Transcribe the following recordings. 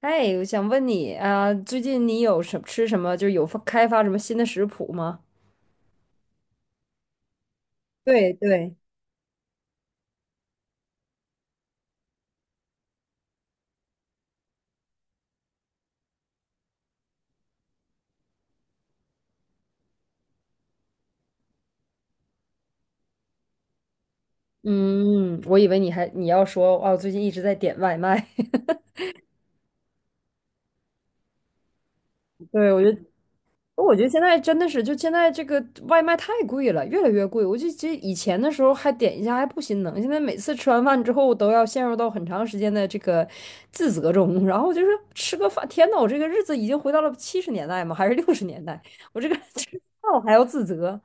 哎，我想问你啊，最近你吃什么，就是开发什么新的食谱吗？对对。嗯，我以为你要说，哦，最近一直在点外卖。对，我就。我觉得现在真的是，就现在这个外卖太贵了，越来越贵。我就记得以前的时候还点一下还不心疼，现在每次吃完饭之后都要陷入到很长时间的这个自责中。然后就是吃个饭，天呐，我这个日子已经回到了70年代吗？还是60年代？我这个 吃饭我还要自责，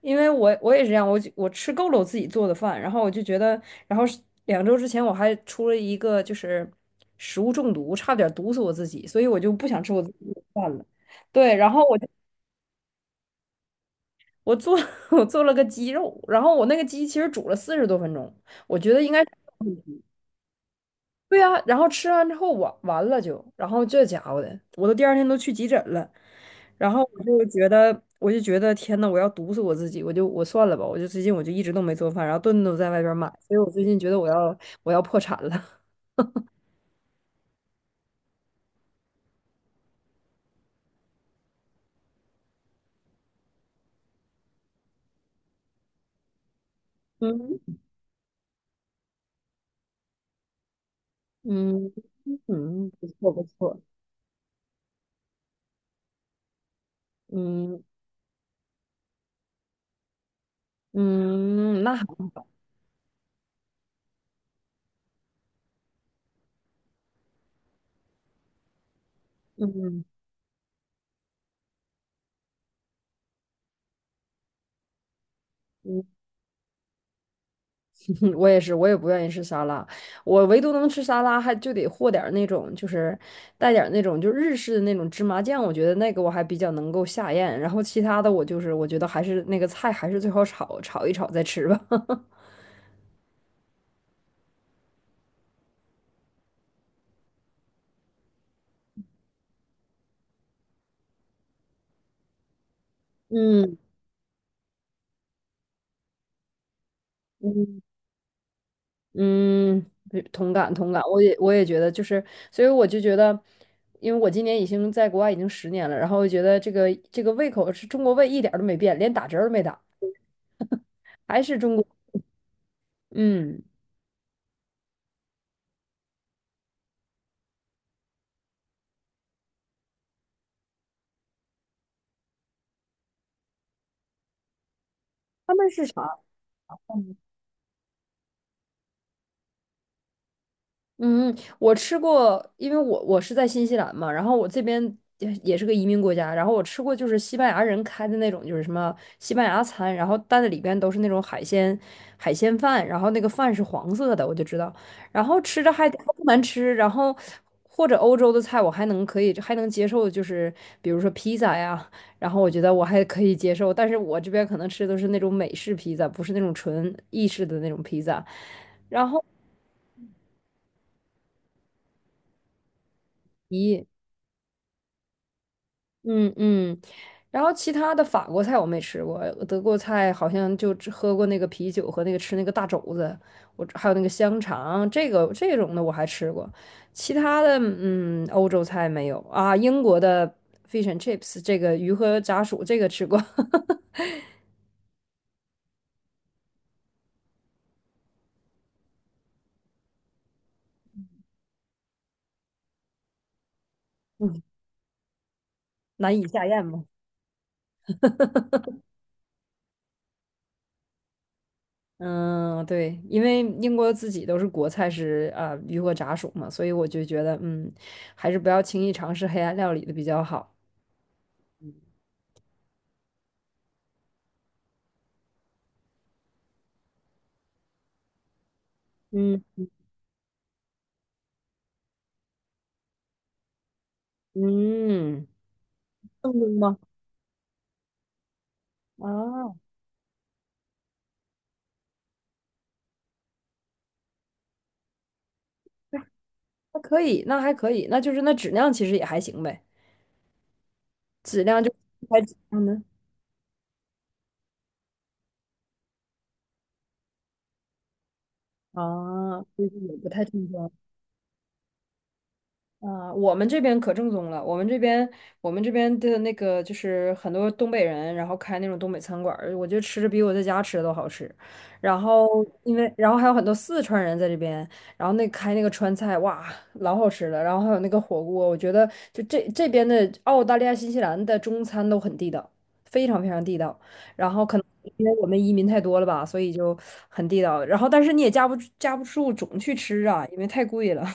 因为我也是这样，我就我吃够了我自己做的饭，然后我就觉得，然后是两周之前我还出了一个就是食物中毒，差点毒死我自己，所以我就不想吃我自己的饭了。对，然后我。就。我做 我做了个鸡肉，然后我那个鸡其实煮了40多分钟，我觉得应该对啊，然后吃完之后完了就，然后这家伙的，我都第二天都去急诊了，然后我就觉得天呐，我要毒死我自己，我算了吧，我就最近我就一直都没做饭，然后顿顿都在外边买，所以我最近觉得我要破产了。嗯嗯嗯，不错不错。嗯嗯，那好。嗯嗯。嗯，我也是，我也不愿意吃沙拉，我唯独能吃沙拉，还就得和点儿那种，就是带点儿那种就日式的那种芝麻酱，我觉得那个我还比较能够下咽，然后其他的我就是我觉得还是那个菜还是最好炒一炒再吃吧。嗯嗯嗯，对，同感同感，我也觉得就是，所以我就觉得，因为我今年已经在国外已经十年了，然后我觉得这个胃口是中国胃一点儿都没变，连打折儿都没打，还是中国。嗯。他们是啥？嗯，我吃过，因为我是在新西兰嘛，然后我这边也是个移民国家，然后我吃过就是西班牙人开的那种，就是什么西班牙餐，然后但是里边都是那种海鲜饭，然后那个饭是黄色的，我就知道，然后吃着还不难吃，然后或者欧洲的菜我还能接受，就是比如说披萨呀，然后我觉得我还可以接受，但是我这边可能吃的都是那种美式披萨，不是那种纯意式的那种披萨。咦。嗯嗯，然后其他的法国菜我没吃过，德国菜好像就只喝过那个啤酒和那个吃那个大肘子，我还有那个香肠，这个这种的我还吃过，其他的嗯欧洲菜没有啊，英国的 fish and chips 这个鱼和炸薯这个吃过。嗯，难以下咽嘛。嗯，对，因为英国自己都是国菜是啊、鱼和炸薯嘛，所以我就觉得嗯，还是不要轻易尝试黑暗料理的比较好。嗯嗯。正冰吗？啊，还可以，那还可以，那就是那质量其实也还行呗，质量就还质量呢？啊，就是也不太正宗。啊、我们这边可正宗了。我们这边，我们这边的那个就是很多东北人，然后开那种东北餐馆儿我觉得吃着比我在家吃的都好吃。然后，因为然后还有很多四川人在这边，然后那开那个川菜，哇，老好吃了。然后还有那个火锅，我觉得就这边的澳大利亚、新西兰的中餐都很地道，非常非常地道。然后可能因为我们移民太多了吧，所以就很地道。然后但是你也架不住总去吃啊，因为太贵了。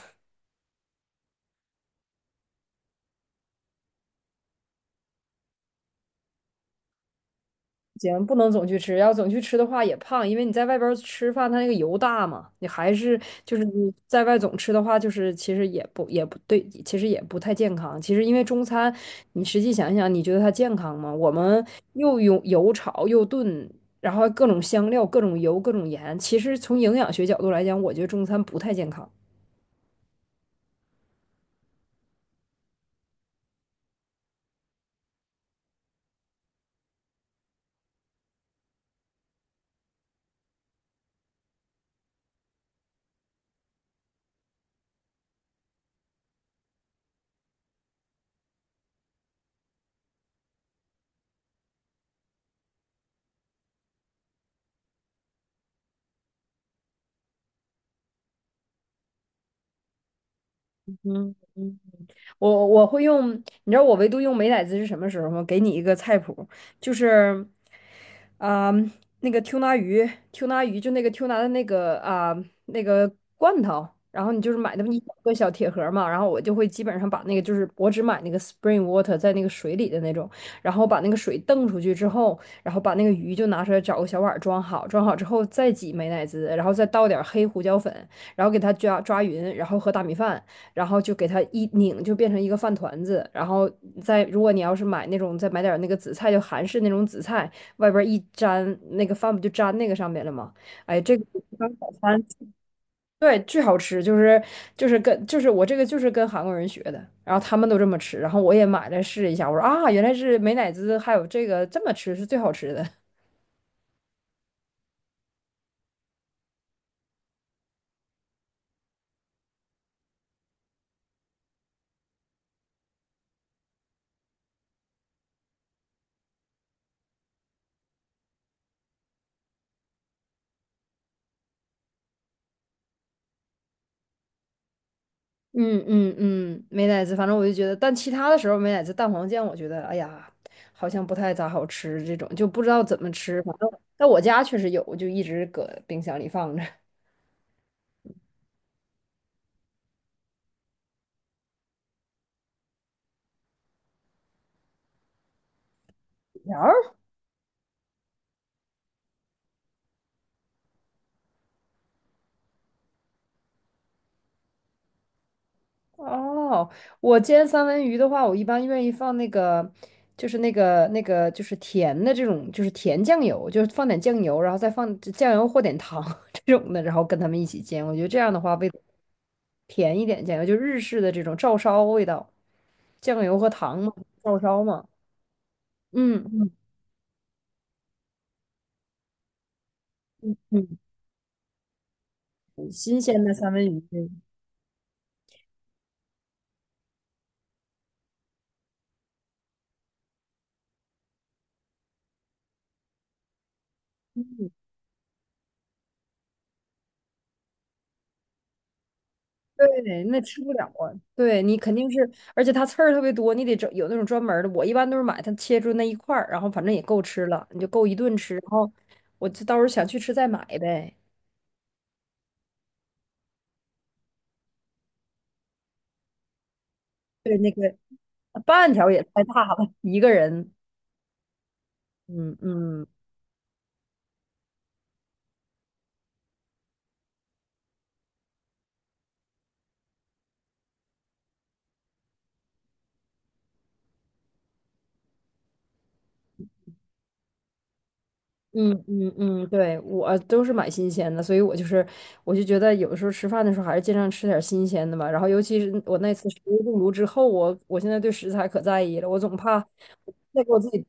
行，不能总去吃，要总去吃的话也胖，因为你在外边儿吃饭，它那个油大嘛，你还是就是你在外总吃的话，就是其实也不对，其实也不太健康。其实因为中餐，你实际想一想，你觉得它健康吗？我们又用油炒又炖，然后各种香料、各种油、各种盐，其实从营养学角度来讲，我觉得中餐不太健康。嗯。我会用，你知道我唯独用美乃滋是什么时候吗？给你一个菜谱，就是，啊、那个 tuna 鱼，tuna 鱼就那个 tuna 的那个那个罐头，然后你就是买那么一小个小铁盒儿嘛，然后我就会基本上把那个就是我只买那个 spring water 在那个水里的那种，然后把那个水蹬出去之后，然后把那个鱼就拿出来找个小碗儿装好，装好之后再挤美乃滋，然后再倒点儿黑胡椒粉，然后给它抓抓匀，然后和大米饭。然后就给它一拧，就变成一个饭团子。然后再如果你要是买那种，再买点那个紫菜，就韩式那种紫菜，外边一粘，那个饭不就粘那个上面了吗？哎，这个当早餐，对，巨好吃，就是跟我这个就是跟韩国人学的，然后他们都这么吃，然后我也买来试一下，我说啊，原来是美乃滋还有这个这么吃是最好吃的。嗯嗯嗯，美乃滋，反正我就觉得，但其他的时候美乃滋蛋黄酱，我觉得哎呀，好像不太咋好吃，这种就不知道怎么吃。反正在我家确实有，我就一直搁冰箱里放着。哦，我煎三文鱼的话，我一般愿意放那个，就是那个就是甜的这种，就是甜酱油，就是放点酱油，然后再放酱油或点糖 这种的，然后跟他们一起煎。我觉得这样的话，味道甜一点，酱油就日式的这种照烧味道，酱油和糖嘛，照烧嘛。嗯。嗯，新鲜的三文鱼。对，那吃不了啊。对你肯定是，而且它刺儿特别多，你得找有那种专门儿的。我一般都是买它切出那一块儿，然后反正也够吃了，你就够一顿吃。然后我就到时候想去吃再买呗。对，那个半条也太大了，一个人。嗯嗯嗯嗯嗯，对，我都是买新鲜的，所以我就是我就觉得有的时候吃饭的时候还是尽量吃点新鲜的吧。然后尤其是我那次食物中毒之后，我现在对食材可在意了，我总怕再给我自己。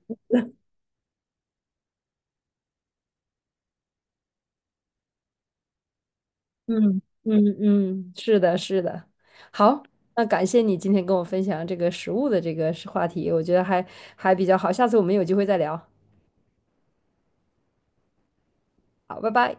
嗯嗯嗯，是的，是的。好，那感谢你今天跟我分享这个食物的这个是话题，我觉得还比较好。下次我们有机会再聊。好，拜拜。